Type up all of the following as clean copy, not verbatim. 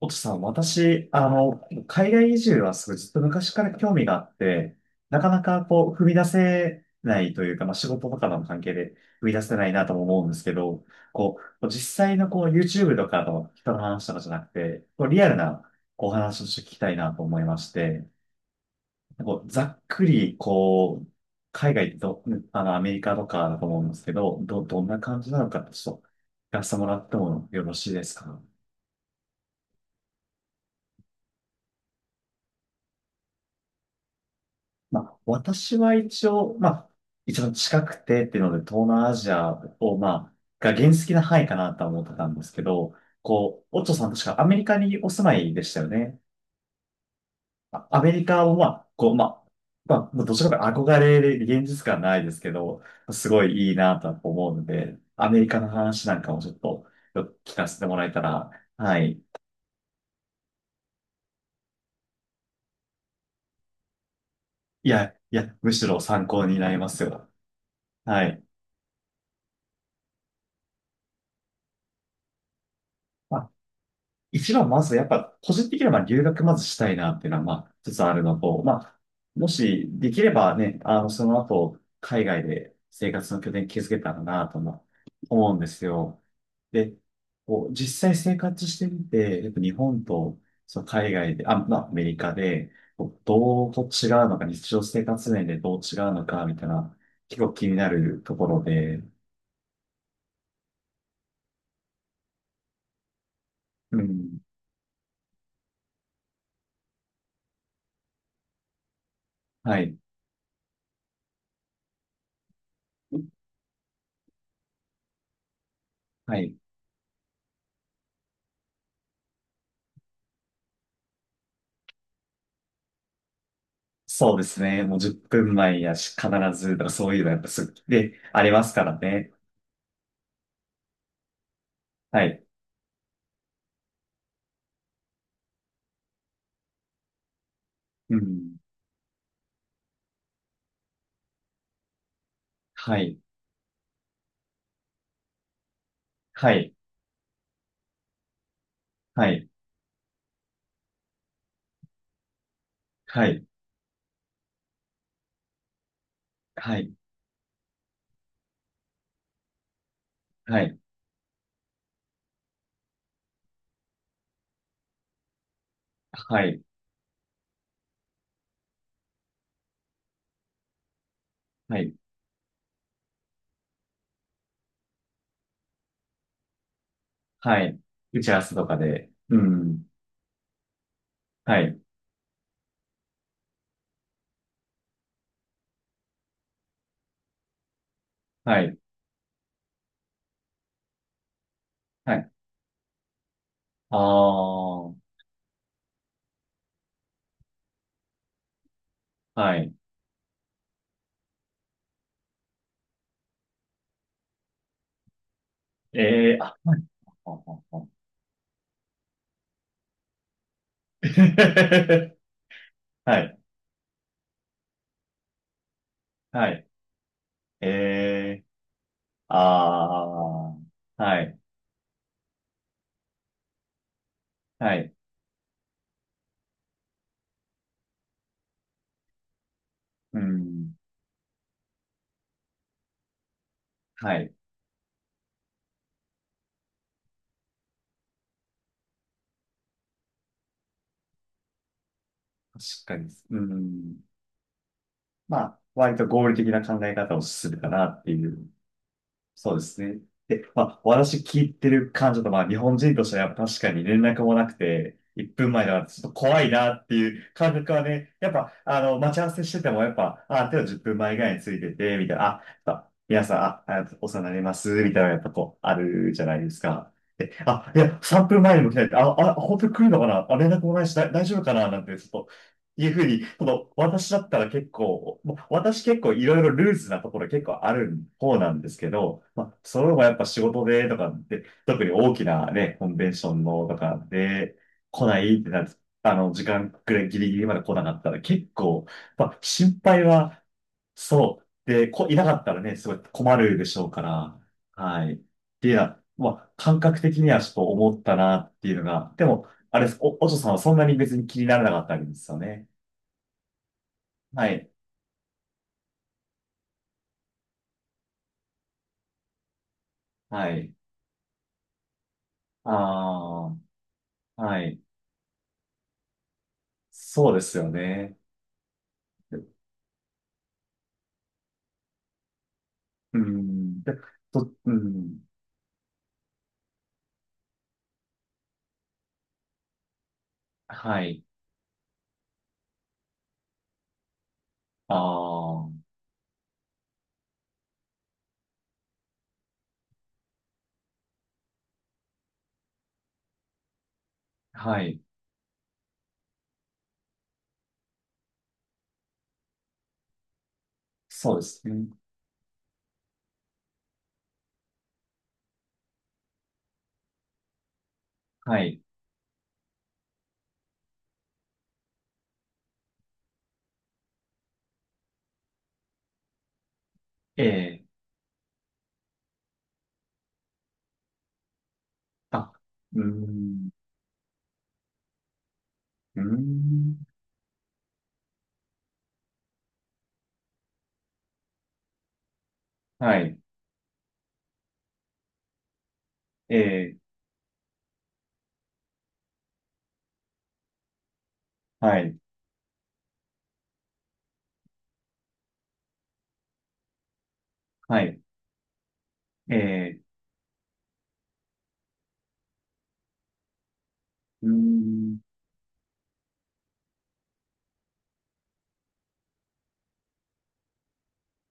おとさん、私、海外移住はすごいずっと昔から興味があって、なかなか踏み出せないというか、まあ、仕事とかの関係で踏み出せないなとも思うんですけど、実際のYouTube とかの人の話とかじゃなくて、リアルなお話をして聞きたいなと思いまして、ざっくり、海外と、アメリカとかだと思うんですけど、どんな感じなのか、ちょっと、聞かせてもらってもよろしいですか？まあ、私は一応、まあ、一番近くてっていうので、東南アジアを、まあ、が原始的な範囲かなとは思ってたんですけど、オッチョさん確かアメリカにお住まいでしたよね。まあアメリカを、まあ、まあ、まあ、もうどちらかというと憧れで現実感ないですけど、すごいいいなとは思うので、アメリカの話なんかもちょっとよく聞かせてもらえたら、はい。いや、いや、むしろ参考になりますよ。はい。一番まずやっぱ個人的にはまあ留学まずしたいなっていうのはまあ一つあるのと、まあもしできればね、その後海外で生活の拠点築けたらなとも思うんですよ。で、実際生活してみて、やっぱ日本とその海外で、あ、まあアメリカでどう違うのか、日常生活面でどう違うのかみたいな結構気になるところで、うん、はい、はい。そうですね。もう10分前やし、必ず、だからそういうのやっぱすぐで、ありますからね。はい。うん。はい。はい。はい。はい。はい。はい。はい。はい。はい。打ち合わせとかで。うん。はい。はい。はい。ああ。はい。ええー、あ、はい。ああああ はい。はい。ええー、ああ。はい。はい。うん。はい。確かに。うん。まあ、割と合理的な考え方をするかなっていう。そうですね。で、まあ、私聞いてる感じだと、まあ、日本人としてはやっぱ確かに連絡もなくて、1分前だからちょっと怖いなっていう感覚はね、やっぱ、待ち合わせしてても、やっぱ、あ、手を10分前ぐらいについてて、みたいな、あ、やっぱ皆さん、あ、あお世話になります、みたいな、やっぱあるじゃないですか。で、あ、いや、3分前にも来ないって、あ、本当に来るのかなあ、連絡もないし、大丈夫かななんて、ちょっというふうに、私だったら結構、もう私結構いろいろルーズなところ結構ある方なんですけど、まあ、それもやっぱ仕事でとかで、特に大きなね、コンベンションのとかで来ないってなる、時間くらいギリギリまで来なかったら結構、まあ、心配は、そう。で、いなかったらね、すごい困るでしょうから、はい。っていうのは、まあ、感覚的にはちょっと思ったなっていうのが、でも、あれです、お嬢さんはそんなに別に気にならなかったわけですよね。はい。はい。ああ、はい。そうですよね。うん。で、うん。はい。ああ、はい。そうですね。はい。ええ、あ、うん。うん。はい。ええ、はい。はい。ええ、うん。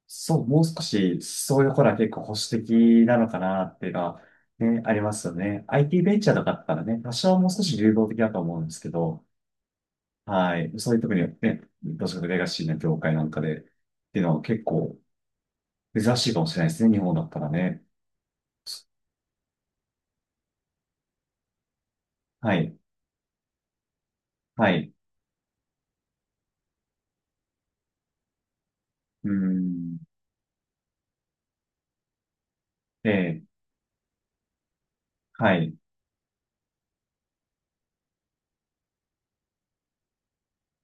そう、もう少し、そういうとこら結構保守的なのかなっていうのは、ね、ありますよね。IT ベンチャーとかだったらね、多少もう少し流動的だと思うんですけど、はい。そういう特にね、どちらかレガシーな業界なんかで、っていうのは結構珍しいかもしれないですね。日本だったらね。はい。はい。うーん。ええ。はい。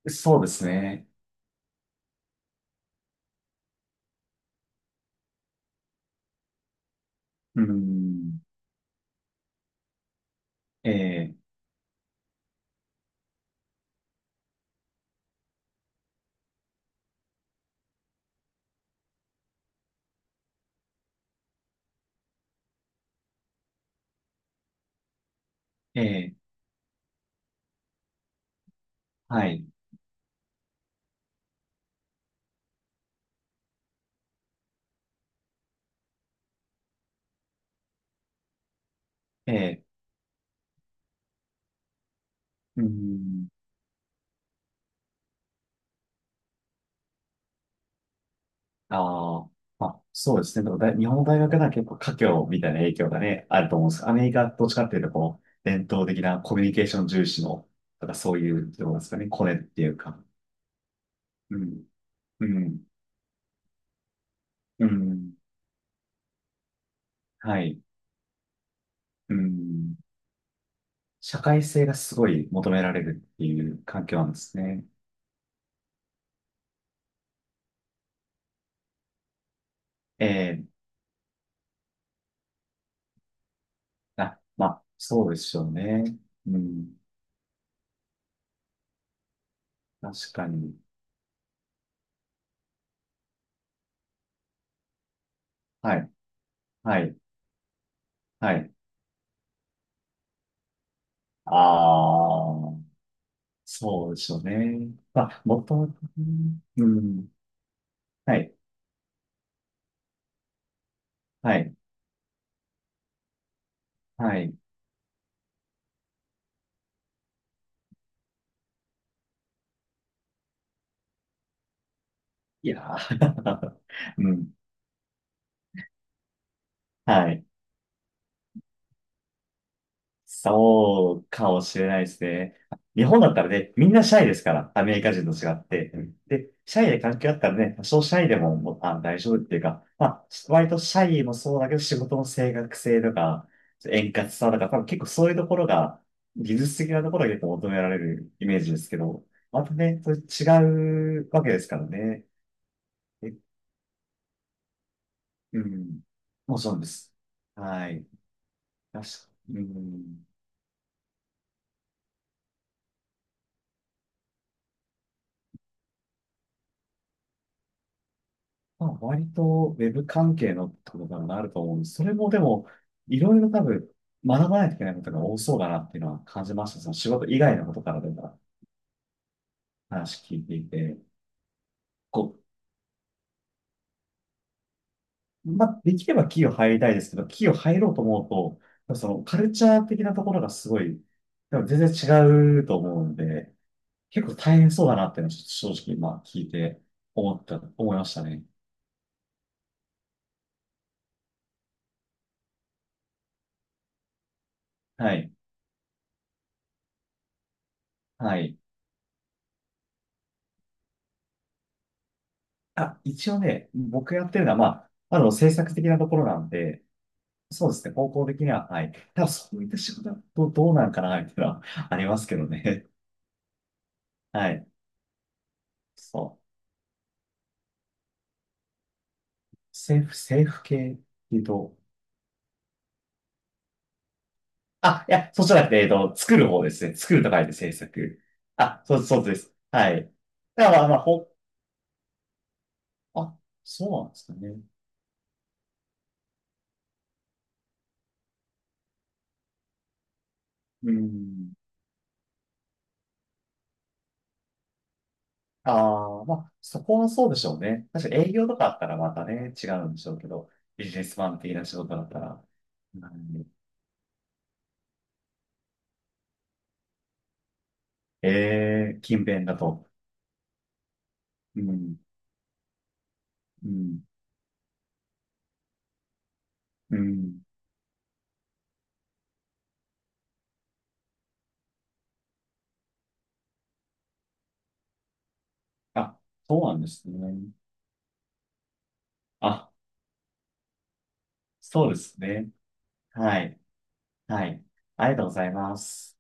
そうですね。うーん。ええ。ええ。はい。ええ。うーん。ああ。まあ、そうですね。でも日本の大学では結構華僑みたいな影響がね、あると思うんです。アメリカどっちかっていうと、伝統的なコミュニケーション重視の、とかそういう、どうなんですかね、コネっていうか。うん。うん。うん。はい。うん。社会性がすごい求められるっていう環境なんですね。ええあ、まあ、そうでしょうね。うん。確かに。はい。はい。はい。ああ、そうでしょうね。まあ、もともと、うん。はい。はい。はい。いやー うん。はい。そうかもしれないですね。日本だったらね、みんなシャイですから、アメリカ人と違って。うんで、シャイで関係あったらね、多少シャイでも、もう大丈夫っていうか、まあ、割とシャイもそうだけど、仕事の正確性とか、円滑さとか、多分結構そういうところが、技術的なところが結構求められるイメージですけど、またね、それ違うわけですからね。えうん。もうそうです。はい。確かうん。まあ、割とウェブ関係のってことになると思うんです。それもでも、いろいろ多分学ばないといけないことが多そうだなっていうのは感じました。その仕事以外のことからでも話聞いていて。こまあ、できれば企業入りたいですけど、企業入ろうと思うと、そのカルチャー的なところがすごい、でも全然違うと思うので、結構大変そうだなっていうのはちょっと正直、まあ、聞いて思いましたね。はい。はい。あ、一応ね、僕やってるのは、まあ、制作的なところなんで、そうですね、方向的には、はい。ただ、そういった仕事だとどうなんかな、みたいなのはありますけどね。はい。そう。政府系っていうと、あ、いや、そうじゃなくて、作る方ですね。作ると書いて制作。あ、そうです。はい。だから、まあ、あ、そうなんですかね。うん。ああ、まあ、そこはそうでしょうね。確かに営業とかあったらまたね、違うんでしょうけど、ビジネスマン的な仕事だったら、うええー勤勉だと。うん、うん、うん。あ、そうなんですね。あ、そうですね。はい、はい。ありがとうございます。